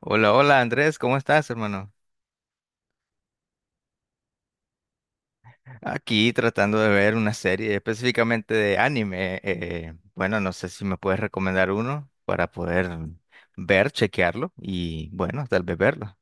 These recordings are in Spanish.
Hola, hola Andrés, ¿cómo estás, hermano? Aquí tratando de ver una serie específicamente de anime. Bueno, no sé si me puedes recomendar uno para poder ver, chequearlo y bueno, tal vez verlo.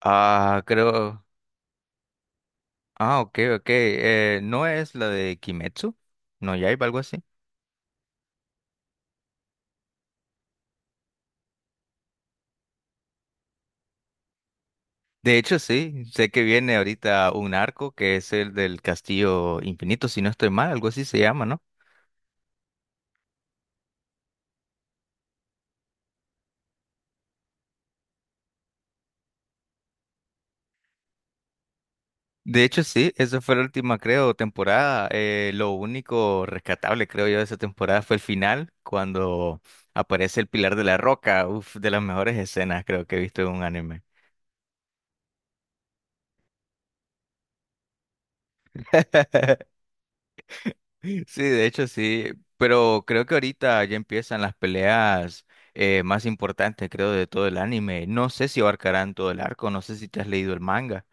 Ah, creo. Ah, ok, ok. ¿No es la de Kimetsu? ¿No Yaiba, algo así? De hecho, sí. Sé que viene ahorita un arco que es el del Castillo Infinito, si no estoy mal, algo así se llama, ¿no? De hecho, sí, eso fue la última, creo, temporada. Lo único rescatable, creo yo, de esa temporada fue el final, cuando aparece el Pilar de la Roca. Uf, de las mejores escenas, creo que he visto en un anime. Sí, de hecho, sí. Pero creo que ahorita ya empiezan las peleas más importantes, creo, de todo el anime. No sé si abarcarán todo el arco, no sé si te has leído el manga.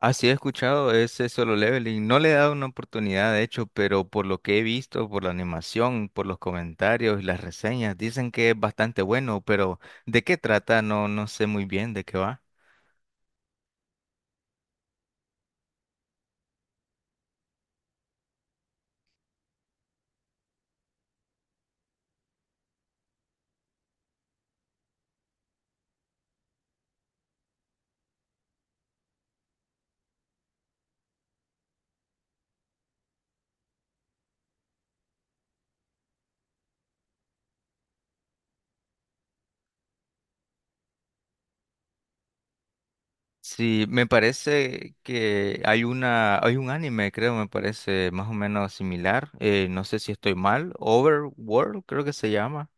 Así he escuchado ese Solo Leveling. No le he dado una oportunidad, de hecho, pero por lo que he visto, por la animación, por los comentarios y las reseñas, dicen que es bastante bueno, pero ¿de qué trata? No, no sé muy bien de qué va. Sí, me parece que hay una, hay un anime, creo, me parece más o menos similar. No sé si estoy mal. Overworld, creo que se llama.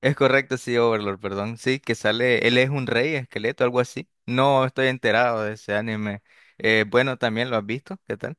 Es correcto, sí, Overlord, perdón. Sí, que sale, él es un rey esqueleto, algo así. No estoy enterado de ese anime. Bueno, también lo has visto, ¿qué tal?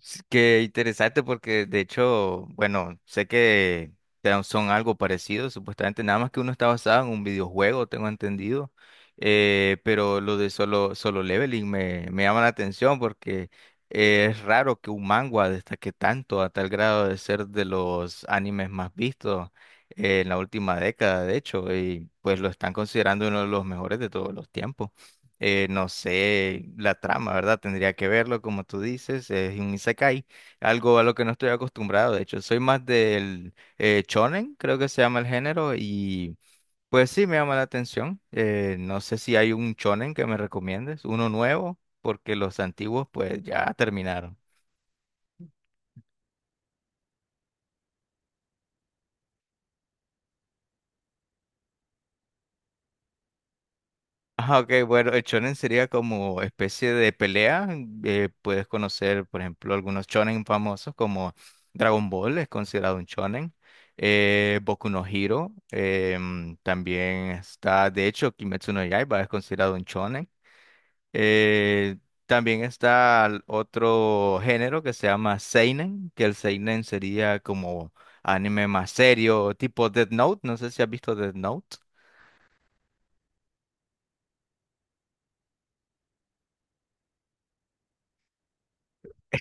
Sí, qué interesante porque de hecho, bueno, sé que son algo parecido, supuestamente, nada más que uno está basado en un videojuego, tengo entendido, pero lo de solo leveling me llama la atención porque es raro que un manga destaque tanto a tal grado de ser de los animes más vistos en la última década, de hecho, y pues lo están considerando uno de los mejores de todos los tiempos. No sé, la trama, ¿verdad? Tendría que verlo, como tú dices, es un isekai, algo a lo que no estoy acostumbrado, de hecho, soy más del shonen, creo que se llama el género, y pues sí, me llama la atención. No sé si hay un shonen que me recomiendes, uno nuevo, porque los antiguos pues ya terminaron. Ah, ok, bueno, el shonen sería como especie de pelea. Puedes conocer, por ejemplo, algunos shonen famosos como Dragon Ball, es considerado un shonen. Boku no Hero también está, de hecho, Kimetsu no Yaiba es considerado un shonen. Eh, también está el otro género que se llama seinen, que el seinen sería como anime más serio, tipo Death Note. No sé si has visto Death Note.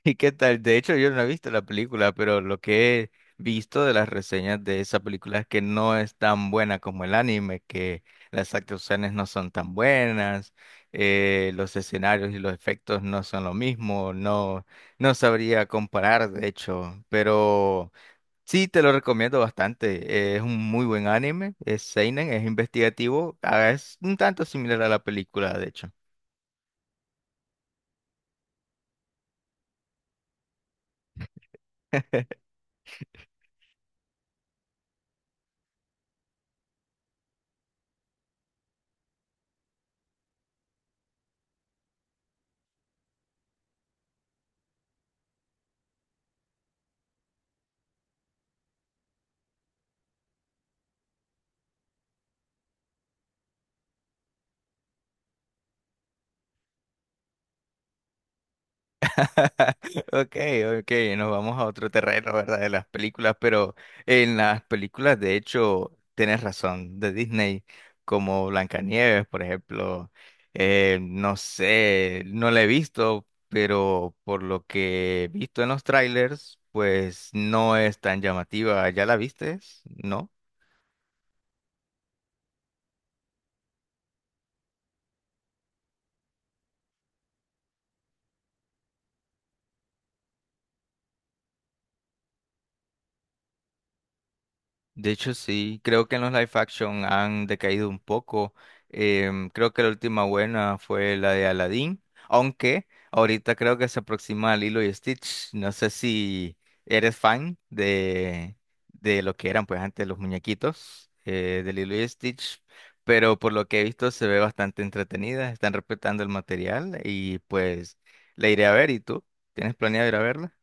¿Y qué tal? De hecho, yo no he visto la película, pero lo que he visto de las reseñas de esa película es que no es tan buena como el anime, que las actuaciones no son tan buenas, los escenarios y los efectos no son lo mismo, no sabría comparar, de hecho, pero sí te lo recomiendo bastante. Es un muy buen anime, es seinen, es investigativo, ah, es un tanto similar a la película, de hecho. Ok, ok, nos vamos a otro terreno, ¿verdad? De las películas, pero en las películas, de hecho, tienes razón, de Disney, como Blancanieves, por ejemplo, no sé, no la he visto, pero por lo que he visto en los trailers, pues no es tan llamativa. ¿Ya la viste? ¿No? De hecho, sí, creo que en los live action han decaído un poco. Creo que la última buena fue la de Aladdin, aunque ahorita creo que se aproxima a Lilo y Stitch. No sé si eres fan de lo que eran pues antes los muñequitos de Lilo y Stitch, pero por lo que he visto se ve bastante entretenida, están respetando el material y pues la iré a ver. ¿Y tú? ¿Tienes planeado ir a verla?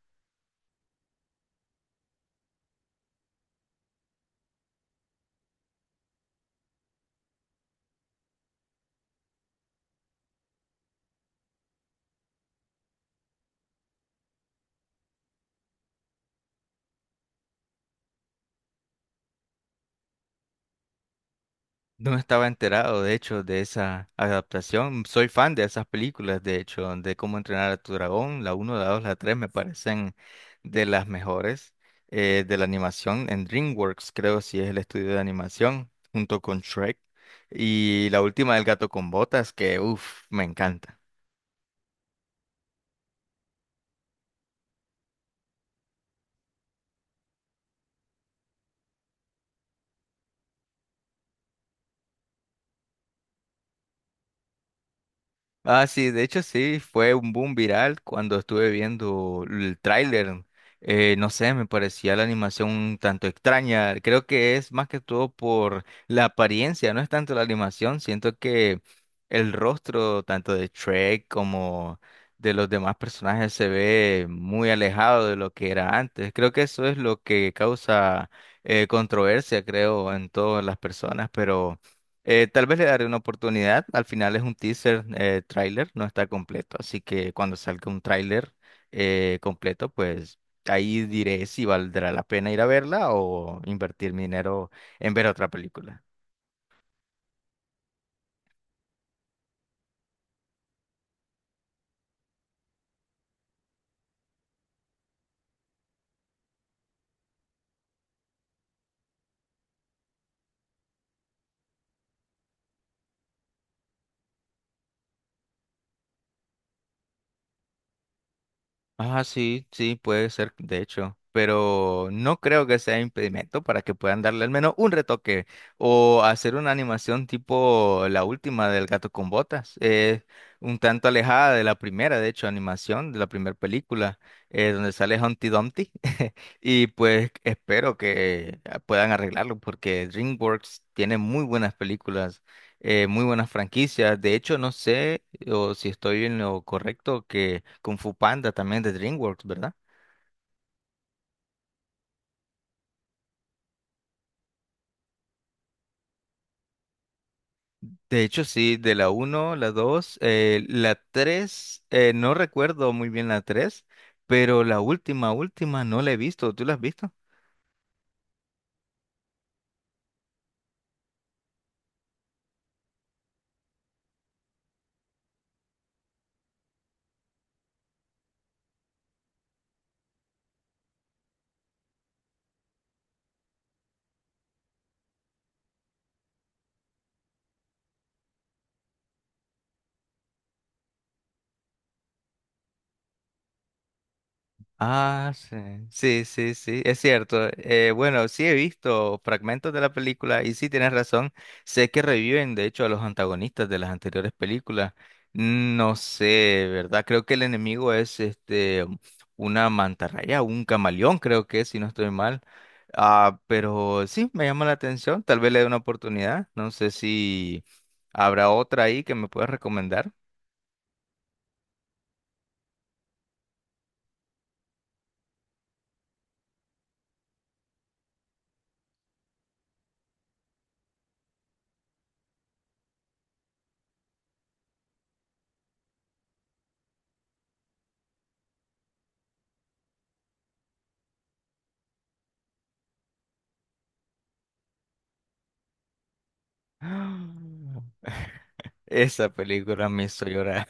No estaba enterado, de hecho, de esa adaptación. Soy fan de esas películas, de hecho, de Cómo entrenar a tu dragón. La uno, la dos, la 3 me parecen de las mejores de la animación en DreamWorks, creo, si es el estudio de animación, junto con Shrek. Y la última del gato con botas, que uff, me encanta. Ah, sí, de hecho sí, fue un boom viral cuando estuve viendo el tráiler. No sé, me parecía la animación un tanto extraña. Creo que es más que todo por la apariencia, no es tanto la animación. Siento que el rostro tanto de Shrek como de los demás personajes se ve muy alejado de lo que era antes. Creo que eso es lo que causa controversia, creo, en todas las personas, pero... tal vez le daré una oportunidad. Al final es un teaser, tráiler, no está completo. Así que cuando salga un tráiler completo, pues ahí diré si valdrá la pena ir a verla o invertir mi dinero en ver otra película. Ah, sí, sí, puede ser, de hecho, pero no creo que sea impedimento para que puedan darle al menos un retoque o hacer una animación tipo la última del gato con botas, un tanto alejada de la primera, de hecho, animación de la primera película, donde sale Humpty Dumpty, y pues espero que puedan arreglarlo porque DreamWorks tiene muy buenas películas, muy buenas franquicias. De hecho, no sé o si estoy en lo correcto que Kung Fu Panda también de DreamWorks, ¿verdad? De hecho, sí, de la uno, la dos, la tres, no recuerdo muy bien la tres, pero la última, última no la he visto. ¿Tú la has visto? Ah, sí, sí, es cierto. Bueno, sí he visto fragmentos de la película y sí tienes razón. Sé que reviven, de hecho, a los antagonistas de las anteriores películas. No sé, ¿verdad? Creo que el enemigo es este una mantarraya, un camaleón, creo que, es, si no estoy mal. Ah, pero sí, me llama la atención. Tal vez le dé una oportunidad. No sé si habrá otra ahí que me puedas recomendar. Esa película me hizo llorar.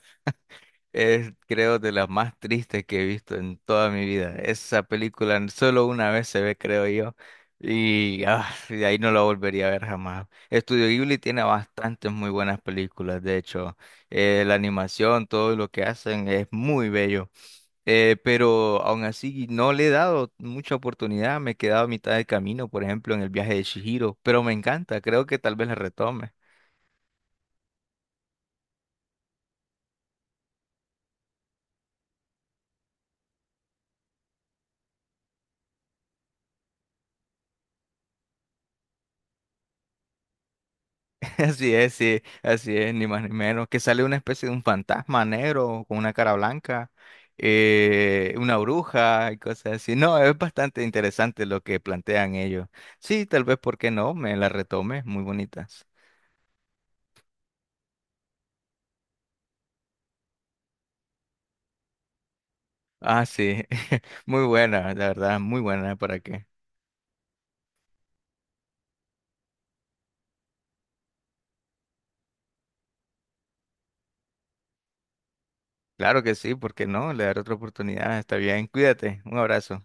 Es, creo, de las más tristes que he visto en toda mi vida. Esa película solo una vez se ve, creo yo. Y ah, de ahí no la volvería a ver jamás. Estudio Ghibli tiene bastantes muy buenas películas. De hecho, la animación, todo lo que hacen es muy bello. Pero aún así no le he dado mucha oportunidad. Me he quedado a mitad de camino, por ejemplo, en el viaje de Chihiro. Pero me encanta. Creo que tal vez la retome. Así es, sí, así es, ni más ni menos. Que sale una especie de un fantasma negro con una cara blanca, una bruja y cosas así. No, es bastante interesante lo que plantean ellos. Sí, tal vez, ¿por qué no? Me la retome, muy bonitas. Ah, sí, muy buena, la verdad, muy buena, ¿para qué? Claro que sí, ¿por qué no? Le daré otra oportunidad, está bien. Cuídate, un abrazo.